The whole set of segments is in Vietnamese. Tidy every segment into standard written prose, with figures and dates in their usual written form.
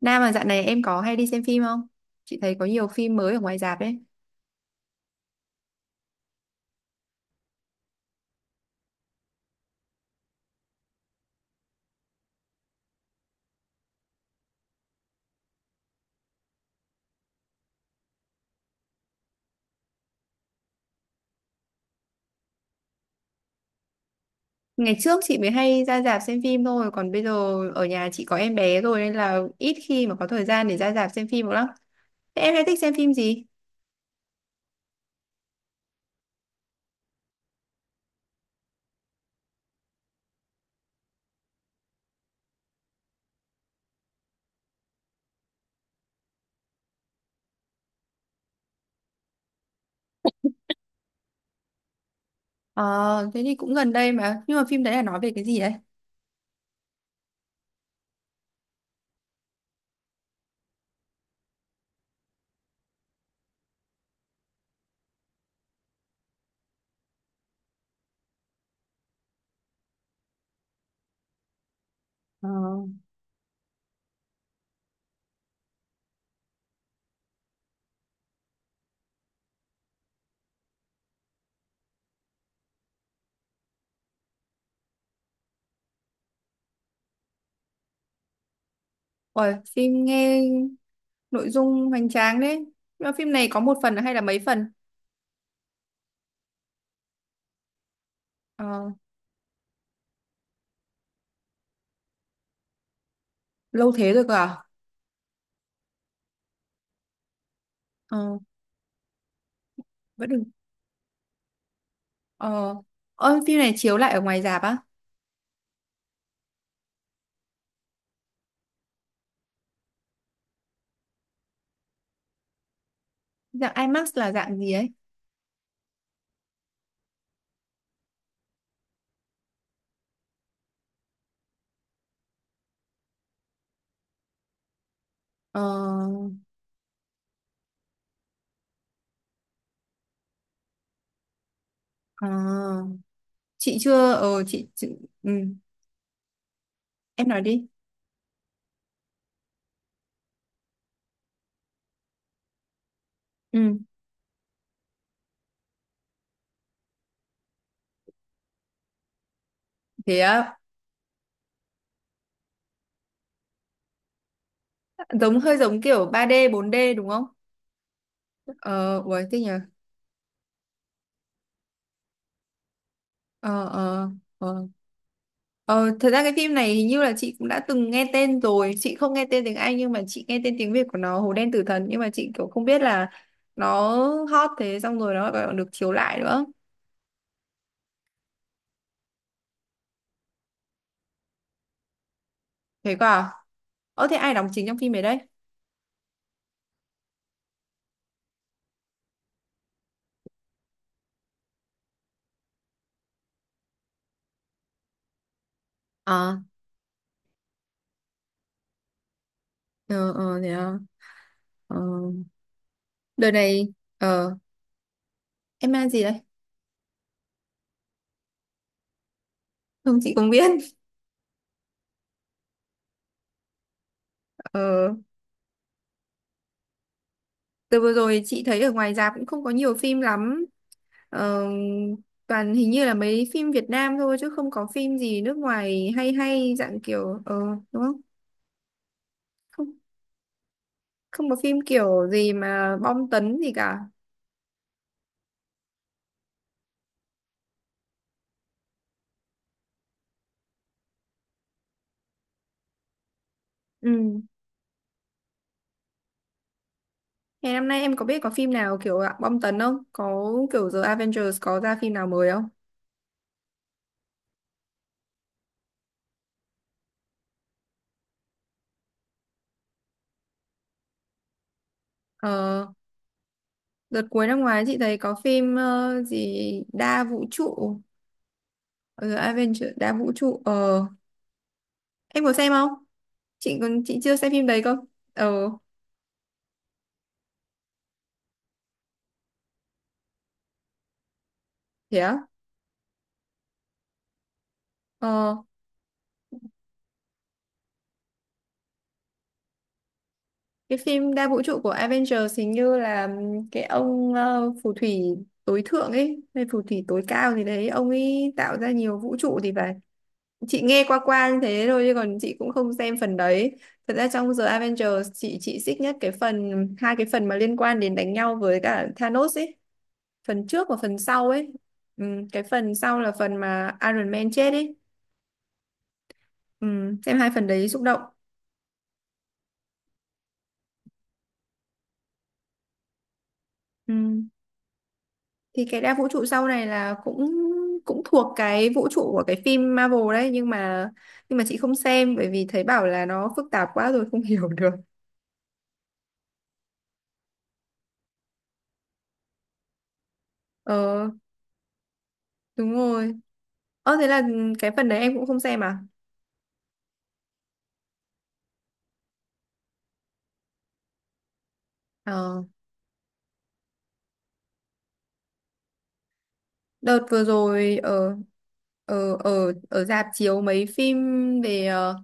Nam mà dạo này em có hay đi xem phim không? Chị thấy có nhiều phim mới ở ngoài rạp đấy. Ngày trước chị mới hay ra rạp xem phim thôi, còn bây giờ ở nhà chị có em bé rồi nên là ít khi mà có thời gian để ra rạp xem phim lắm. Thế em hay thích xem phim gì? Ờ, Thế thì cũng gần đây mà. Nhưng mà phim đấy là nói về cái gì đấy? Ờ, Ôi, phim nghe nội dung hoành tráng đấy. Nhưng mà phim này có một phần hay là mấy phần? Ờ, Lâu thế rồi cơ à? Ờ, Vẫn đừng. Ờ, ơ, phim này chiếu lại ở ngoài rạp á? Dạng IMAX là dạng gì ấy? Ờ, à, chị chưa chị, ừ, em nói đi. Ừ, thế á. Giống hơi giống kiểu ba d bốn d đúng không. Ờ Uầy thế nhỉ. ờ ờ ờ Thật ra cái phim này hình như là chị cũng đã từng nghe tên rồi, chị không nghe tên tiếng Anh nhưng mà chị nghe tên tiếng Việt của nó Hồ Đen Tử Thần, nhưng mà chị kiểu không biết là nó hot thế, xong rồi nó còn được chiếu lại nữa. Thế cơ à? Thế ai đóng chính trong phim ấy đấy? à ờ Thế à? ờ Đợt này, em mang gì đấy? Không, chị cũng biết. Ờ, từ vừa rồi chị thấy ở ngoài rạp cũng không có nhiều phim lắm. Ờ, toàn hình như là mấy phim Việt Nam thôi chứ không có phim gì nước ngoài hay, hay dạng kiểu ờ, đúng không? Không, không có phim kiểu gì mà bom tấn gì cả. Ừ, ngày năm nay em có biết có phim nào kiểu dạng bom tấn không, có kiểu The Avengers có ra phim nào mới không? Ờ, đợt cuối năm ngoái chị thấy có phim gì đa vũ trụ, The Avengers đa vũ trụ ờ, em có xem không? Chị còn chị chưa xem phim đấy cơ. Ờ thế á. Ờ, cái phim đa vũ trụ của Avengers hình như là cái ông phù thủy tối thượng ấy hay phù thủy tối cao gì đấy, ông ấy tạo ra nhiều vũ trụ thì phải. Chị nghe qua qua như thế thôi chứ còn chị cũng không xem phần đấy. Thật ra trong The Avengers chị xích nhất cái phần hai, cái phần mà liên quan đến đánh nhau với cả Thanos ấy, phần trước và phần sau ấy. Ừ, cái phần sau là phần mà Iron Man chết ấy. Ừ, xem hai phần đấy xúc động. Ừ. Thì cái đa vũ trụ sau này là cũng cũng thuộc cái vũ trụ của cái phim Marvel đấy, nhưng mà chị không xem bởi vì thấy bảo là nó phức tạp quá rồi không hiểu được. Ờ đúng rồi. Ờ thế là ừ, cái phần đấy em cũng không xem à? Ờ đợt vừa rồi ở ở ở ở rạp chiếu mấy phim về ờ,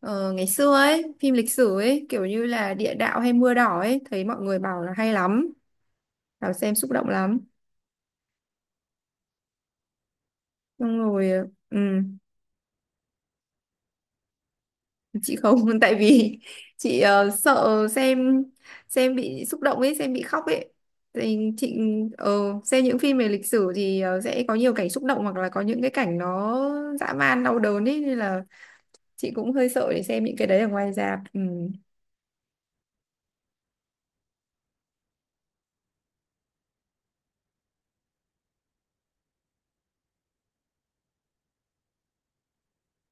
ờ, ngày xưa ấy, phim lịch sử ấy, kiểu như là Địa đạo hay Mưa đỏ ấy, thấy mọi người bảo là hay lắm, bảo xem xúc động lắm, xong rồi ừ chị không tại vì chị sợ xem bị xúc động ấy, xem bị khóc ấy, thì chị ờ, xem những phim về lịch sử thì sẽ có nhiều cảnh xúc động hoặc là có những cái cảnh nó dã man đau đớn ấy, nên là chị cũng hơi sợ để xem những cái đấy ở ngoài rạp. Ừ.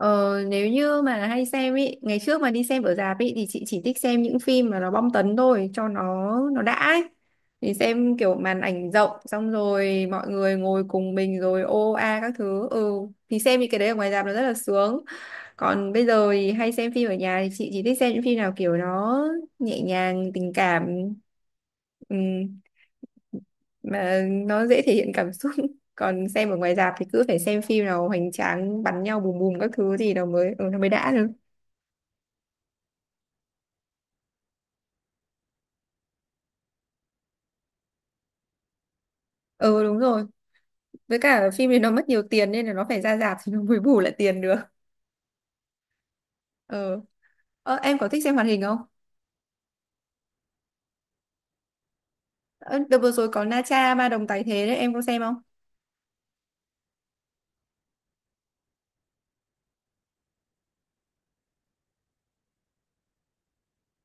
Ờ, nếu như mà hay xem ý, ngày trước mà đi xem ở rạp ý thì chị chỉ thích xem những phim mà nó bom tấn thôi cho nó đã ấy. Thì xem kiểu màn ảnh rộng xong rồi mọi người ngồi cùng mình rồi ô a các thứ. Ừ thì xem những cái đấy ở ngoài rạp nó rất là sướng. Còn bây giờ thì hay xem phim ở nhà thì chị chỉ thích xem những phim nào kiểu nó nhẹ nhàng, tình cảm. Ừ mà nó dễ thể hiện cảm xúc còn xem ở ngoài rạp thì cứ phải xem phim nào hoành tráng bắn nhau bùm bùm các thứ gì nó mới ừ, nó mới đã được. Ừ đúng rồi, với cả phim thì nó mất nhiều tiền nên là nó phải ra rạp thì nó mới bù lại tiền được. ờ em có thích xem hoạt hình không? Ờ, đợt vừa rồi có Na Cha Ma Đồng Tái Thế đấy, em có xem không?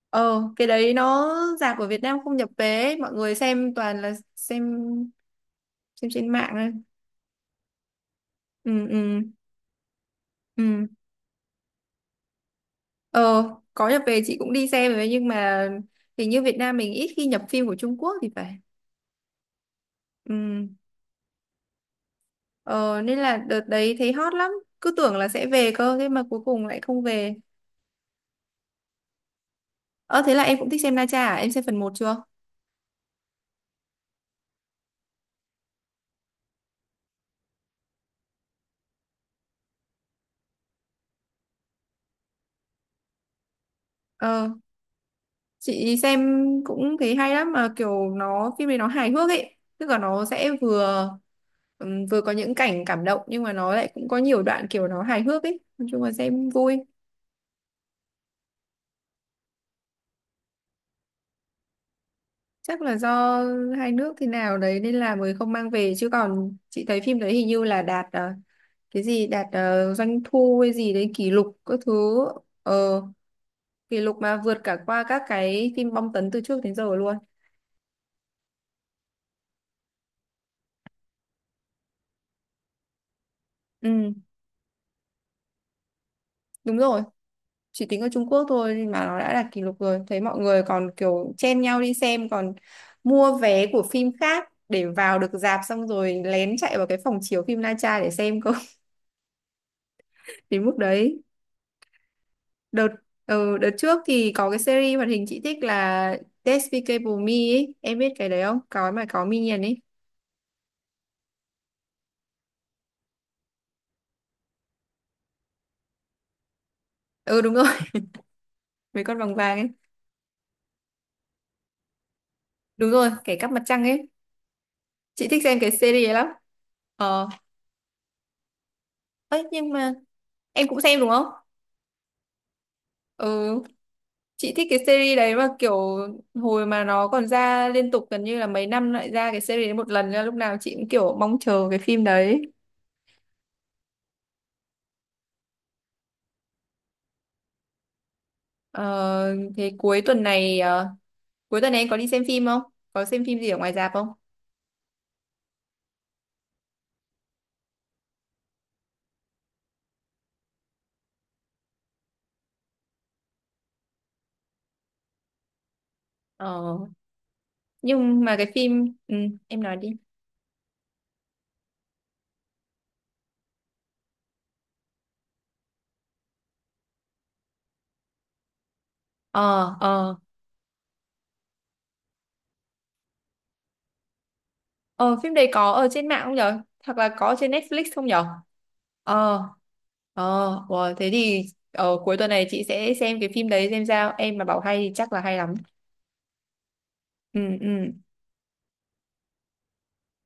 Ờ cái đấy nó, rạp ở Việt Nam không nhập vé, mọi người xem toàn là xem trên mạng thôi. Ừ ừ ừ. Ờ, có nhập về chị cũng đi xem rồi nhưng mà hình như Việt Nam mình ít khi nhập phim của Trung Quốc thì phải. Ừ. Ờ, nên là đợt đấy thấy hot lắm, cứ tưởng là sẽ về cơ thế mà cuối cùng lại không về. Ờ thế là em cũng thích xem Na Tra à? Em xem phần một chưa? Ờ, chị xem cũng thấy hay lắm mà kiểu nó, phim này nó hài hước ấy, tức là nó sẽ vừa vừa có những cảnh cảm động nhưng mà nó lại cũng có nhiều đoạn kiểu nó hài hước ấy, nói chung là xem vui. Chắc là do hai nước thế nào đấy nên là mới không mang về, chứ còn chị thấy phim đấy hình như là đạt cái gì đạt doanh thu hay gì đấy kỷ lục các thứ. Ờ, kỷ lục mà vượt cả qua các cái phim bom tấn từ trước đến giờ luôn. Ừ đúng rồi, chỉ tính ở Trung Quốc thôi nhưng mà nó đã đạt kỷ lục rồi, thấy mọi người còn kiểu chen nhau đi xem, còn mua vé của phim khác để vào được rạp xong rồi lén chạy vào cái phòng chiếu phim Na Tra để xem cơ đến mức đấy. đợt Đợt trước thì có cái series hoạt hình chị thích là Despicable Me ấy. Em biết cái đấy không? Có mà có Minion ấy. Ừ đúng rồi, mấy con vàng vàng ấy. Đúng rồi, kẻ cắp mặt trăng ấy. Chị thích xem cái series ấy lắm. Ờ, ấy nhưng mà em cũng xem đúng không? Ừ, chị thích cái series đấy mà kiểu hồi mà nó còn ra liên tục, gần như là mấy năm lại ra cái series đấy một lần nên là lúc nào chị cũng kiểu mong chờ cái phim đấy. Ờ, thế cuối tuần này cuối tuần này em có đi xem phim không? Có xem phim gì ở ngoài rạp không? Ờ, nhưng mà cái phim ừ, em nói đi. Ờ ờ ờ Phim đấy có ở trên mạng không nhở? Hoặc là có trên Netflix không nhở? Ờ ờ wow, thế thì cuối tuần này chị sẽ xem cái phim đấy xem sao. Em mà bảo hay thì chắc là hay lắm. Ừ ừ.